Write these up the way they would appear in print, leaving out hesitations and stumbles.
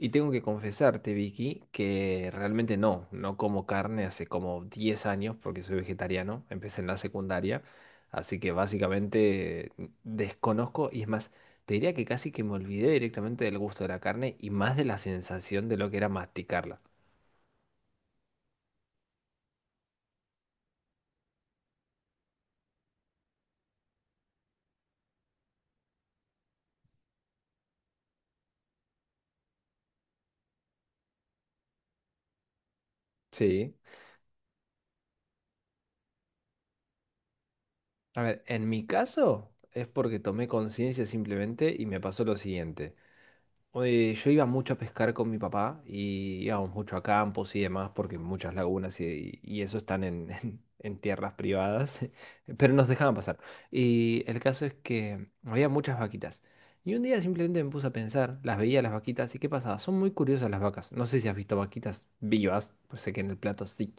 Y tengo que confesarte, Vicky, que realmente no como carne hace como 10 años porque soy vegetariano. Empecé en la secundaria, así que básicamente desconozco. Y es más, te diría que casi que me olvidé directamente del gusto de la carne y más de la sensación de lo que era masticarla. Sí. A ver, en mi caso es porque tomé conciencia simplemente y me pasó lo siguiente. Yo iba mucho a pescar con mi papá y íbamos mucho a campos y demás porque muchas lagunas y eso están en, en tierras privadas, pero nos dejaban pasar. Y el caso es que había muchas vaquitas. Y un día simplemente me puse a pensar, las veía las vaquitas y qué pasaba. Son muy curiosas las vacas. No sé si has visto vaquitas vivas, pues sé que en el plato sí,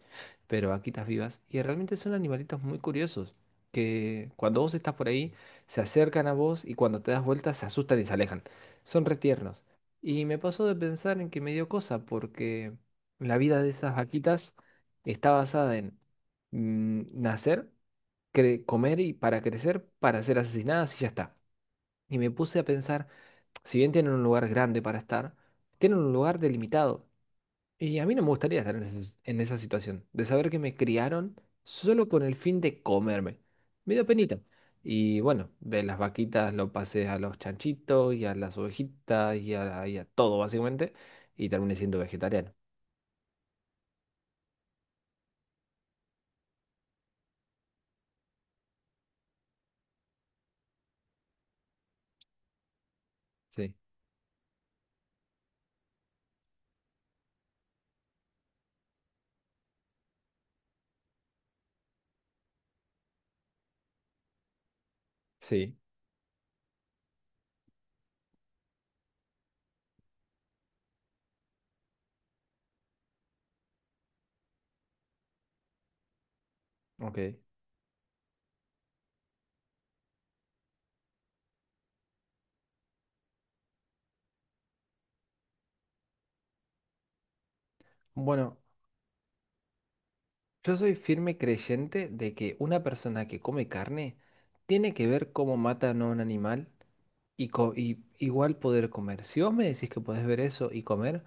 pero vaquitas vivas. Y realmente son animalitos muy curiosos que, cuando vos estás por ahí, se acercan a vos, y cuando te das vuelta se asustan y se alejan. Son retiernos, y me pasó de pensar en que me dio cosa, porque la vida de esas vaquitas está basada en nacer, comer y para crecer, para ser asesinadas y ya está. Y me puse a pensar, si bien tienen un lugar grande para estar, tienen un lugar delimitado. Y a mí no me gustaría estar en esa situación, de saber que me criaron solo con el fin de comerme. Me dio penita. Y bueno, de las vaquitas lo pasé a los chanchitos y a las ovejitas y a todo básicamente, y terminé siendo vegetariano. Sí, sí, ok. Bueno, yo soy firme creyente de que una persona que come carne tiene que ver cómo mata no a un animal y igual poder comer. Si vos me decís que podés ver eso y comer,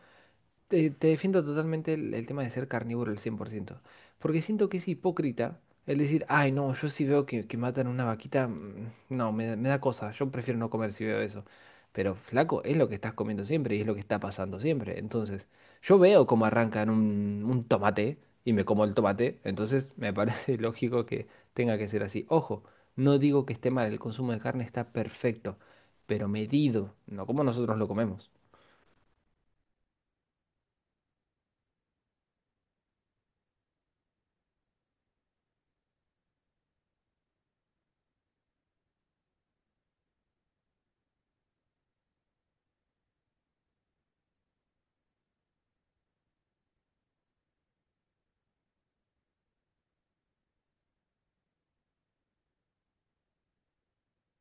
te defiendo totalmente el tema de ser carnívoro al 100%, porque siento que es hipócrita el decir, ay, no, yo si veo que matan una vaquita, no, me da cosa, yo prefiero no comer si veo eso. Pero flaco, es lo que estás comiendo siempre y es lo que está pasando siempre. Entonces, yo veo cómo arrancan un tomate y me como el tomate, entonces me parece lógico que tenga que ser así. Ojo, no digo que esté mal, el consumo de carne está perfecto, pero medido, no como nosotros lo comemos.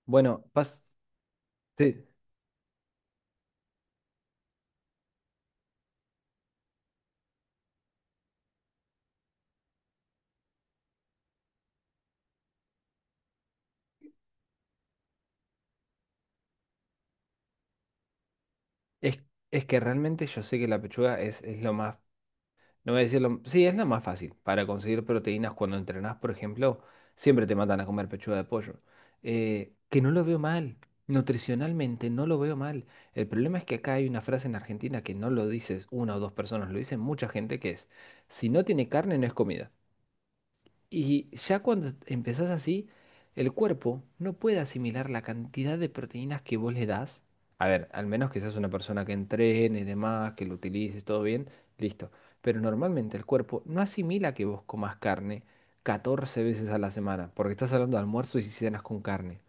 Bueno, paz. Sí. Es, es que realmente yo sé que la pechuga es lo más, no voy a decir lo, sí, es lo más fácil para conseguir proteínas cuando entrenás, por ejemplo, siempre te mandan a comer pechuga de pollo. Que no lo veo mal, nutricionalmente no lo veo mal. El problema es que acá hay una frase en Argentina que no lo dices una o dos personas, lo dicen mucha gente, que es, si no tiene carne no es comida. Y ya cuando empezás así, el cuerpo no puede asimilar la cantidad de proteínas que vos le das. A ver, al menos que seas una persona que entrene y demás, que lo utilices, todo bien, listo. Pero normalmente el cuerpo no asimila que vos comas carne 14 veces a la semana, porque estás hablando de almuerzo y si cenas con carne.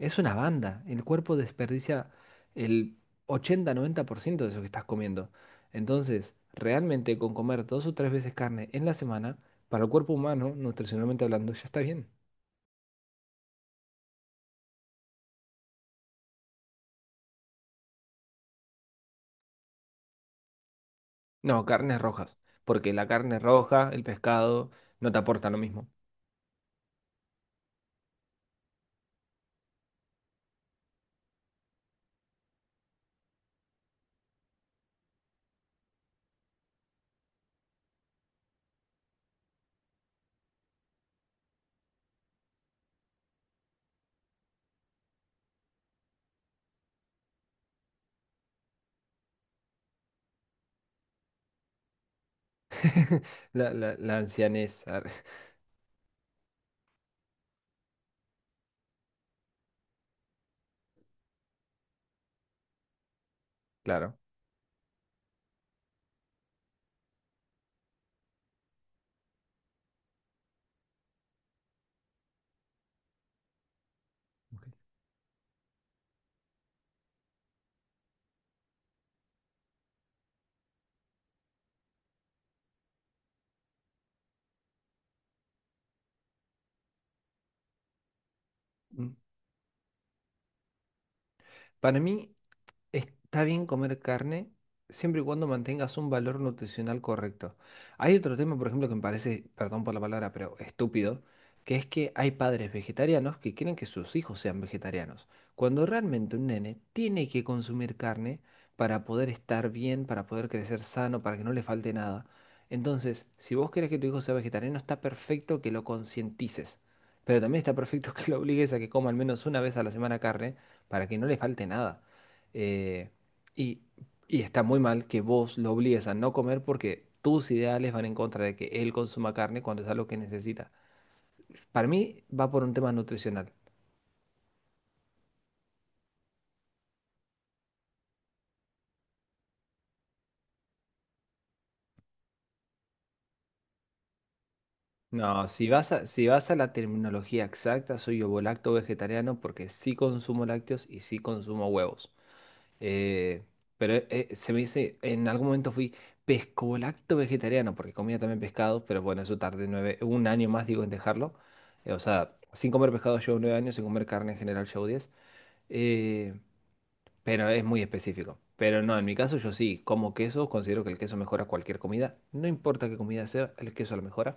Es una banda. El cuerpo desperdicia el 80-90% de eso que estás comiendo. Entonces, realmente con comer dos o tres veces carne en la semana, para el cuerpo humano, nutricionalmente hablando, ya está bien. No, carnes rojas. Porque la carne roja, el pescado, no te aporta lo mismo. La ancianez, claro. Ok. Mm. Para mí, está bien comer carne siempre y cuando mantengas un valor nutricional correcto. Hay otro tema, por ejemplo, que me parece, perdón por la palabra, pero estúpido, que es que hay padres vegetarianos que quieren que sus hijos sean vegetarianos, cuando realmente un nene tiene que consumir carne para poder estar bien, para poder crecer sano, para que no le falte nada. Entonces, si vos querés que tu hijo sea vegetariano, está perfecto que lo concientices, pero también está perfecto que lo obligues a que coma al menos una vez a la semana carne para que no le falte nada, eh, y, y está muy mal que vos lo obligues a no comer porque tus ideales van en contra de que él consuma carne cuando es algo que necesita. Para mí va por un tema nutricional. No, si vas a la terminología exacta, soy ovolacto vegetariano porque sí consumo lácteos y sí consumo huevos. Eh, pero se me dice, en algún momento fui pescolacto vegetariano, porque comía también pescado, pero bueno, eso tardé nueve, un año más, digo, en dejarlo. O sea, sin comer pescado llevo 9 años, sin comer carne en general llevo 10. Eh, pero es muy específico. Pero no, en mi caso yo sí, como queso, considero que el queso mejora cualquier comida. No importa qué comida sea, el queso la mejora.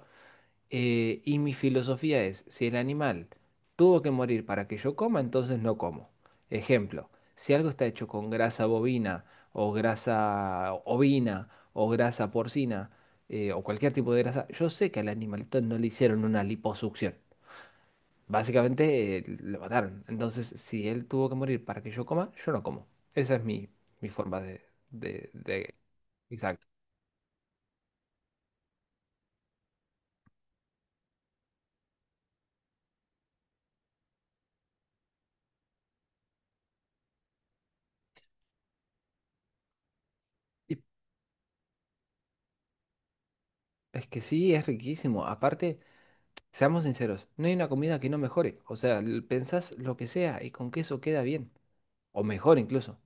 Y mi filosofía es, si el animal tuvo que morir para que yo coma, entonces no como. Ejemplo, si algo está hecho con grasa bovina o grasa ovina o grasa porcina, o cualquier tipo de grasa, yo sé que al animalito no le hicieron una liposucción. Básicamente lo mataron. Entonces, si él tuvo que morir para que yo coma, yo no como. Esa es mi forma de. Exacto. Y es que sí, es riquísimo. Aparte. Seamos sinceros, no hay una comida que no mejore. O sea, pensás lo que sea y con queso queda bien. O mejor incluso.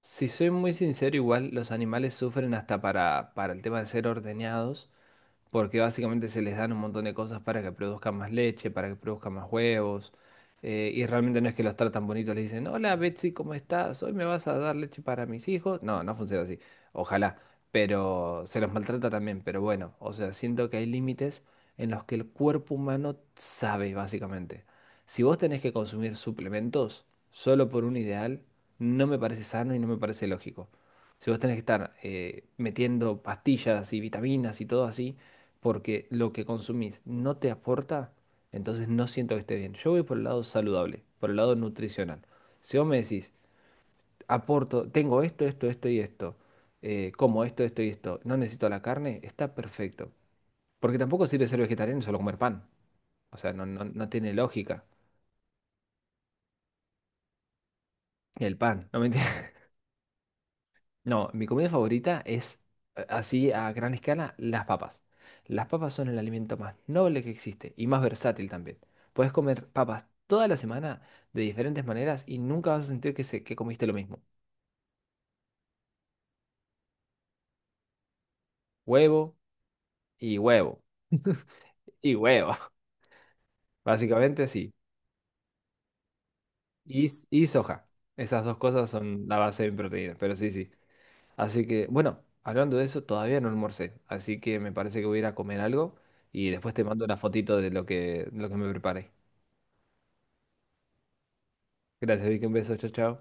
Si soy muy sincero, igual los animales sufren hasta para el tema de ser ordeñados, porque básicamente se les dan un montón de cosas para que produzcan más leche, para que produzcan más huevos, y realmente no es que los tratan bonitos. Les dicen, hola Betsy, ¿cómo estás? ¿Hoy me vas a dar leche para mis hijos? No, no funciona así. Ojalá, pero se los maltrata también. Pero bueno, o sea, siento que hay límites en los que el cuerpo humano sabe, básicamente. Si vos tenés que consumir suplementos solo por un ideal, no me parece sano y no me parece lógico. Si vos tenés que estar metiendo pastillas y vitaminas y todo así, porque lo que consumís no te aporta, entonces no siento que esté bien. Yo voy por el lado saludable, por el lado nutricional. Si vos me decís, aporto, tengo esto, esto, esto y esto, como esto y esto, no necesito la carne, está perfecto. Porque tampoco sirve ser vegetariano y solo comer pan. O sea, no, no, no tiene lógica. El pan, no me No, mi comida favorita es, así a gran escala, las papas. Las papas son el alimento más noble que existe y más versátil también. Puedes comer papas toda la semana de diferentes maneras y nunca vas a sentir que, se, que comiste lo mismo. Huevo y huevo y huevo. Básicamente sí. Y soja. Esas dos cosas son la base de mi proteína, pero sí, sí. Así que, bueno, hablando de eso, todavía no almorcé. Así que me parece que voy a ir a comer algo y después te mando una fotito de lo que me preparé. Gracias, Vicky. Un beso. Chao, chao.